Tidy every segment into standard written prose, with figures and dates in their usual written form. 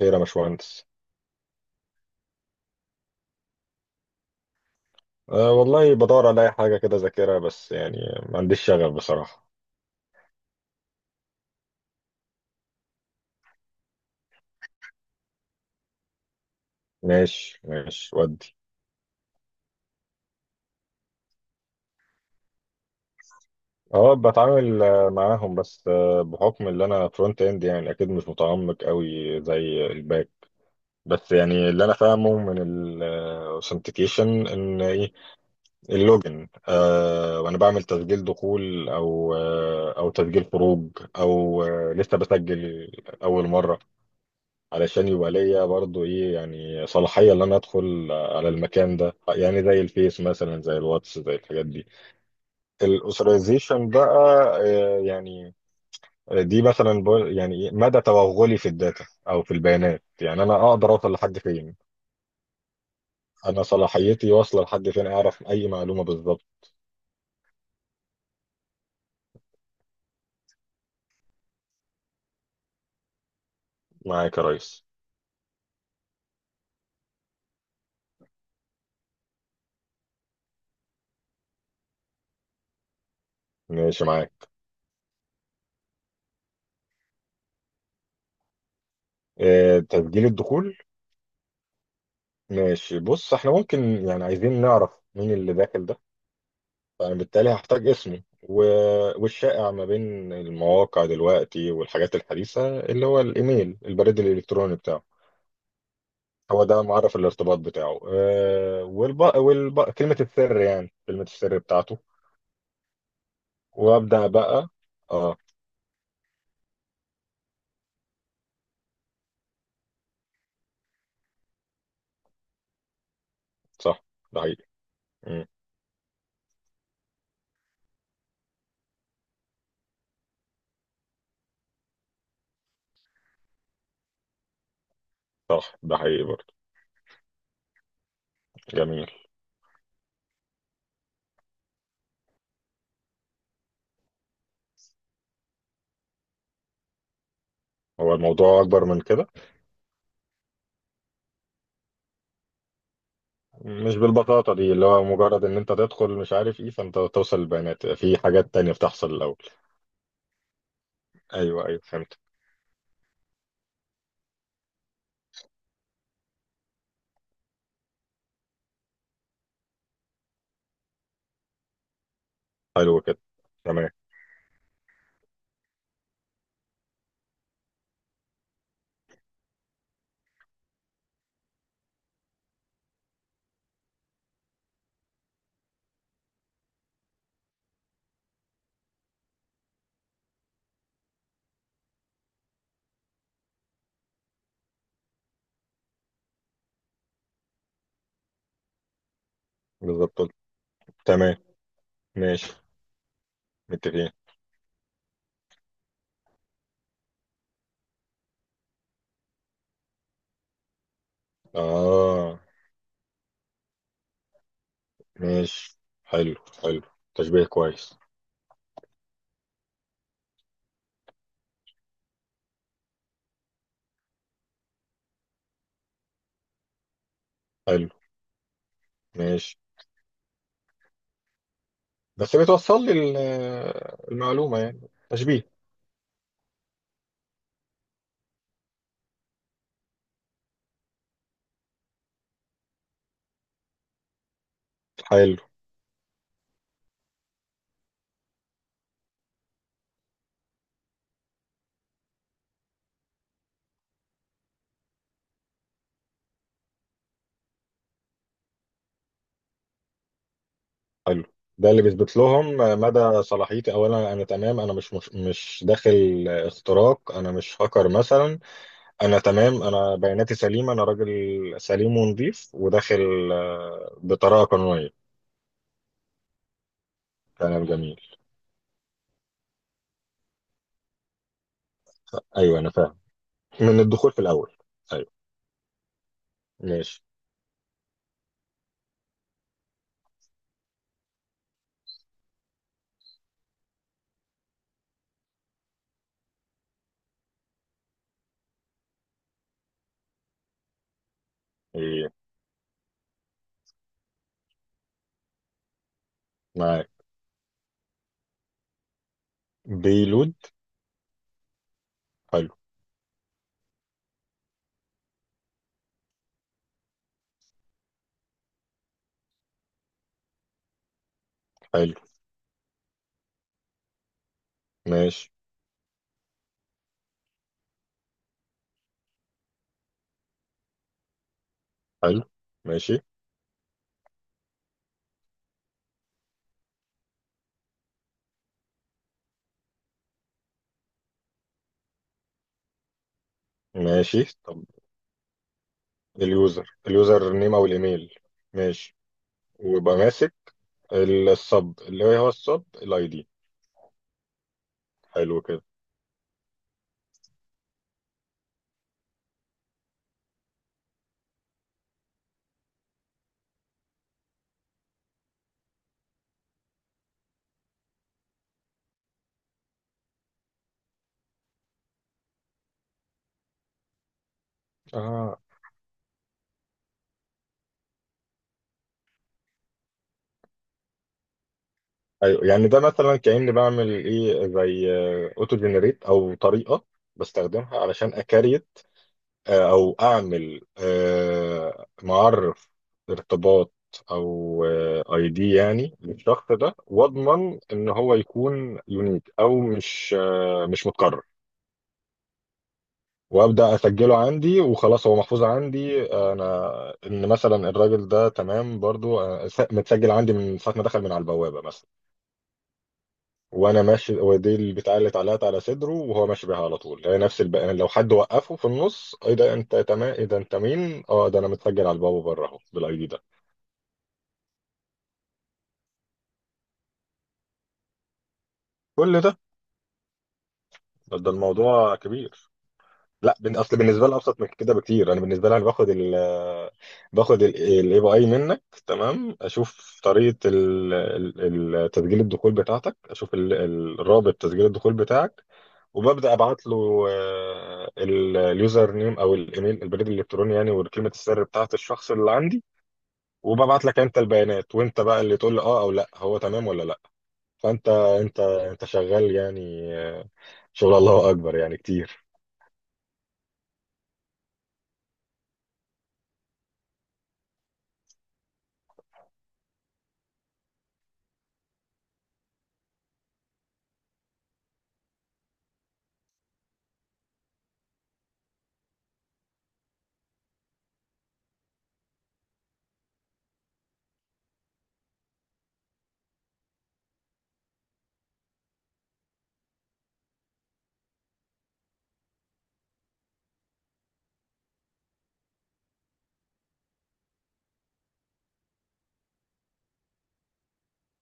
خير يا باشمهندس. أه والله بدور على أي حاجة كده أذاكرها بس يعني ما عنديش شغف بصراحة. ماشي ماشي ودي. أه بتعامل معاهم بس بحكم اللي أنا فرونت إند يعني أكيد مش متعمق قوي زي الباك. بس يعني اللي أنا فاهمه من الأوثنتيكيشن إن إيه، اللوجن أه، وأنا بعمل تسجيل دخول أو تسجيل خروج أو لسه بسجل أول مرة، علشان يبقى ليا برضو ايه يعني صلاحية ان انا ادخل على المكان ده، يعني زي الفيس مثلا زي الواتس زي الحاجات دي. الاوثرايزيشن بقى، يعني دي مثلا يعني إيه، مدى توغلي في الداتا او في البيانات، يعني انا اقدر اوصل لحد فين، انا صلاحيتي واصلة لحد فين، اعرف اي معلومة بالظبط. معاك يا ريس. ماشي معاك. تسجيل الدخول. ماشي، بص احنا ممكن يعني عايزين نعرف مين اللي داخل ده، فأنا بالتالي هحتاج اسمي والشائع ما بين المواقع دلوقتي والحاجات الحديثة اللي هو الإيميل، البريد الإلكتروني بتاعه، هو ده معرف الارتباط بتاعه. أه كلمة السر، يعني كلمة السر بتاعته. وأبدأ بقى. اه. صح، ده حقيقي. مم. صح ده حقيقي برضه. جميل. هو الموضوع أكبر من كده. مش بالبساطة دي اللي هو مجرد إن أنت تدخل مش عارف إيه، فأنت توصل البيانات في حاجات تانية بتحصل الأول. أيوه أيوه فهمت. حلو كده. تمام. بالظبط. تمام. ماشي. متفقين. اه. ماشي. حلو حلو. تشبيه كويس. حلو. ماشي. بس بتوصل لي المعلومة يعني. تشبيه. حلو. حلو. ده اللي بيثبت لهم مدى صلاحيتي، اولا انا تمام، انا مش داخل اختراق، انا مش هاكر مثلا. انا تمام، انا بياناتي سليمة، انا راجل سليم ونظيف وداخل بطريقة قانونية. كلام جميل. ايوه انا فاهم. من الدخول في الاول. ايوه. ماشي. ايه. معاك. بيلود. حلو. حلو. ماشي. حلو. ماشي. ماشي طب. اليوزر نيم او الايميل. ماشي. ويبقى ماسك السب، اللي هو السب الاي دي. حلو كده. اه. ايوه يعني ده مثلا كأني بعمل ايه، زي اوتو جنريت، او طريقة بستخدمها علشان اكريت، او اعمل معرف ارتباط، او اي دي يعني للشخص ده، واضمن ان هو يكون يونيك او مش متكرر. وابدا اسجله عندي، وخلاص هو محفوظ عندي انا، ان مثلا الراجل ده تمام برضو، متسجل عندي من ساعه ما دخل من على البوابه مثلا. وانا ماشي هو دي البتاع اللي اتعلقت على صدره، وهو ماشي بيها على طول، هي نفس البقى. لو حد وقفه في النص: ايه ده انت، تمام ايه ده انت مين؟ اه، ده انا متسجل على البابا بره اهو، بالاي دي ده. كل ده. ده الموضوع كبير. لا اصل بالنسبه لي ابسط من كده بكتير. انا بالنسبه لي، انا باخد الاي بي اي منك، تمام، اشوف طريقه تسجيل الدخول بتاعتك، اشوف الرابط تسجيل الدخول بتاعك، وببدا ابعت له اليوزر نيم او الايميل، البريد الالكتروني يعني، وكلمه السر بتاعت الشخص اللي عندي، وببعت لك انت البيانات، وانت بقى اللي تقول لي اه او لا، هو تمام ولا لا. فانت انت انت شغال يعني شغل الله اكبر يعني كتير.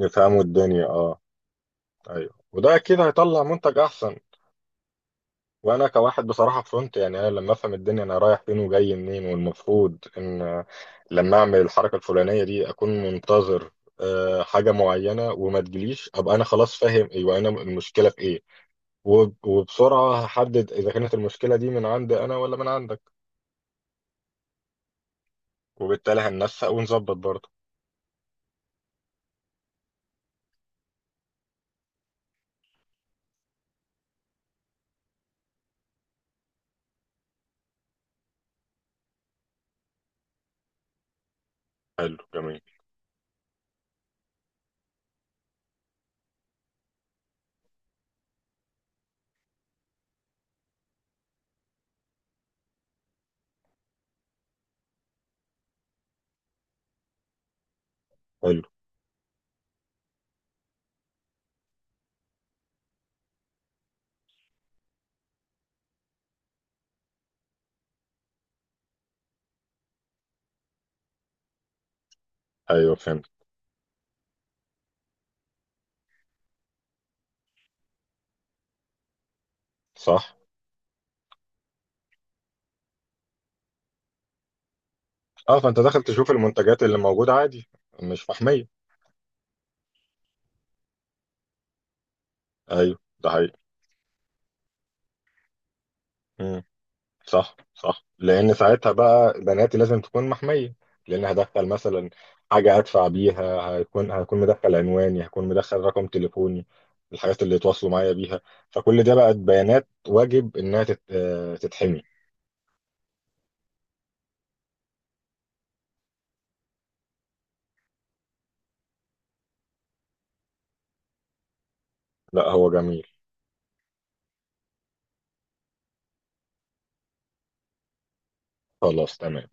يفهموا الدنيا اه. ايوه وده اكيد هيطلع منتج احسن. وانا كواحد بصراحه فرونت، يعني انا لما افهم الدنيا انا رايح فين وجاي منين، والمفروض ان لما اعمل الحركه الفلانيه دي اكون منتظر حاجه معينه، وما تجيليش ابقى انا خلاص فاهم ايوه انا المشكله في ايه. وبسرعه هحدد اذا كانت المشكله دي من عندي انا ولا من عندك، وبالتالي هننسق ونظبط برضه. حلو. جميل. حلو. ايوه فهمت. صح. اه فانت داخل تشوف المنتجات اللي موجوده عادي. مش محميه. ايوه ده حقيقي. صح صح، لان ساعتها بقى بناتي لازم تكون محميه. لان هدخل مثلا حاجه ادفع بيها، هيكون هيكون مدخل عنواني، هيكون مدخل رقم تليفوني، الحاجات اللي يتواصلوا معايا بيها، فكل ده بقت بيانات واجب انها تتحمي. لا هو جميل. خلاص تمام.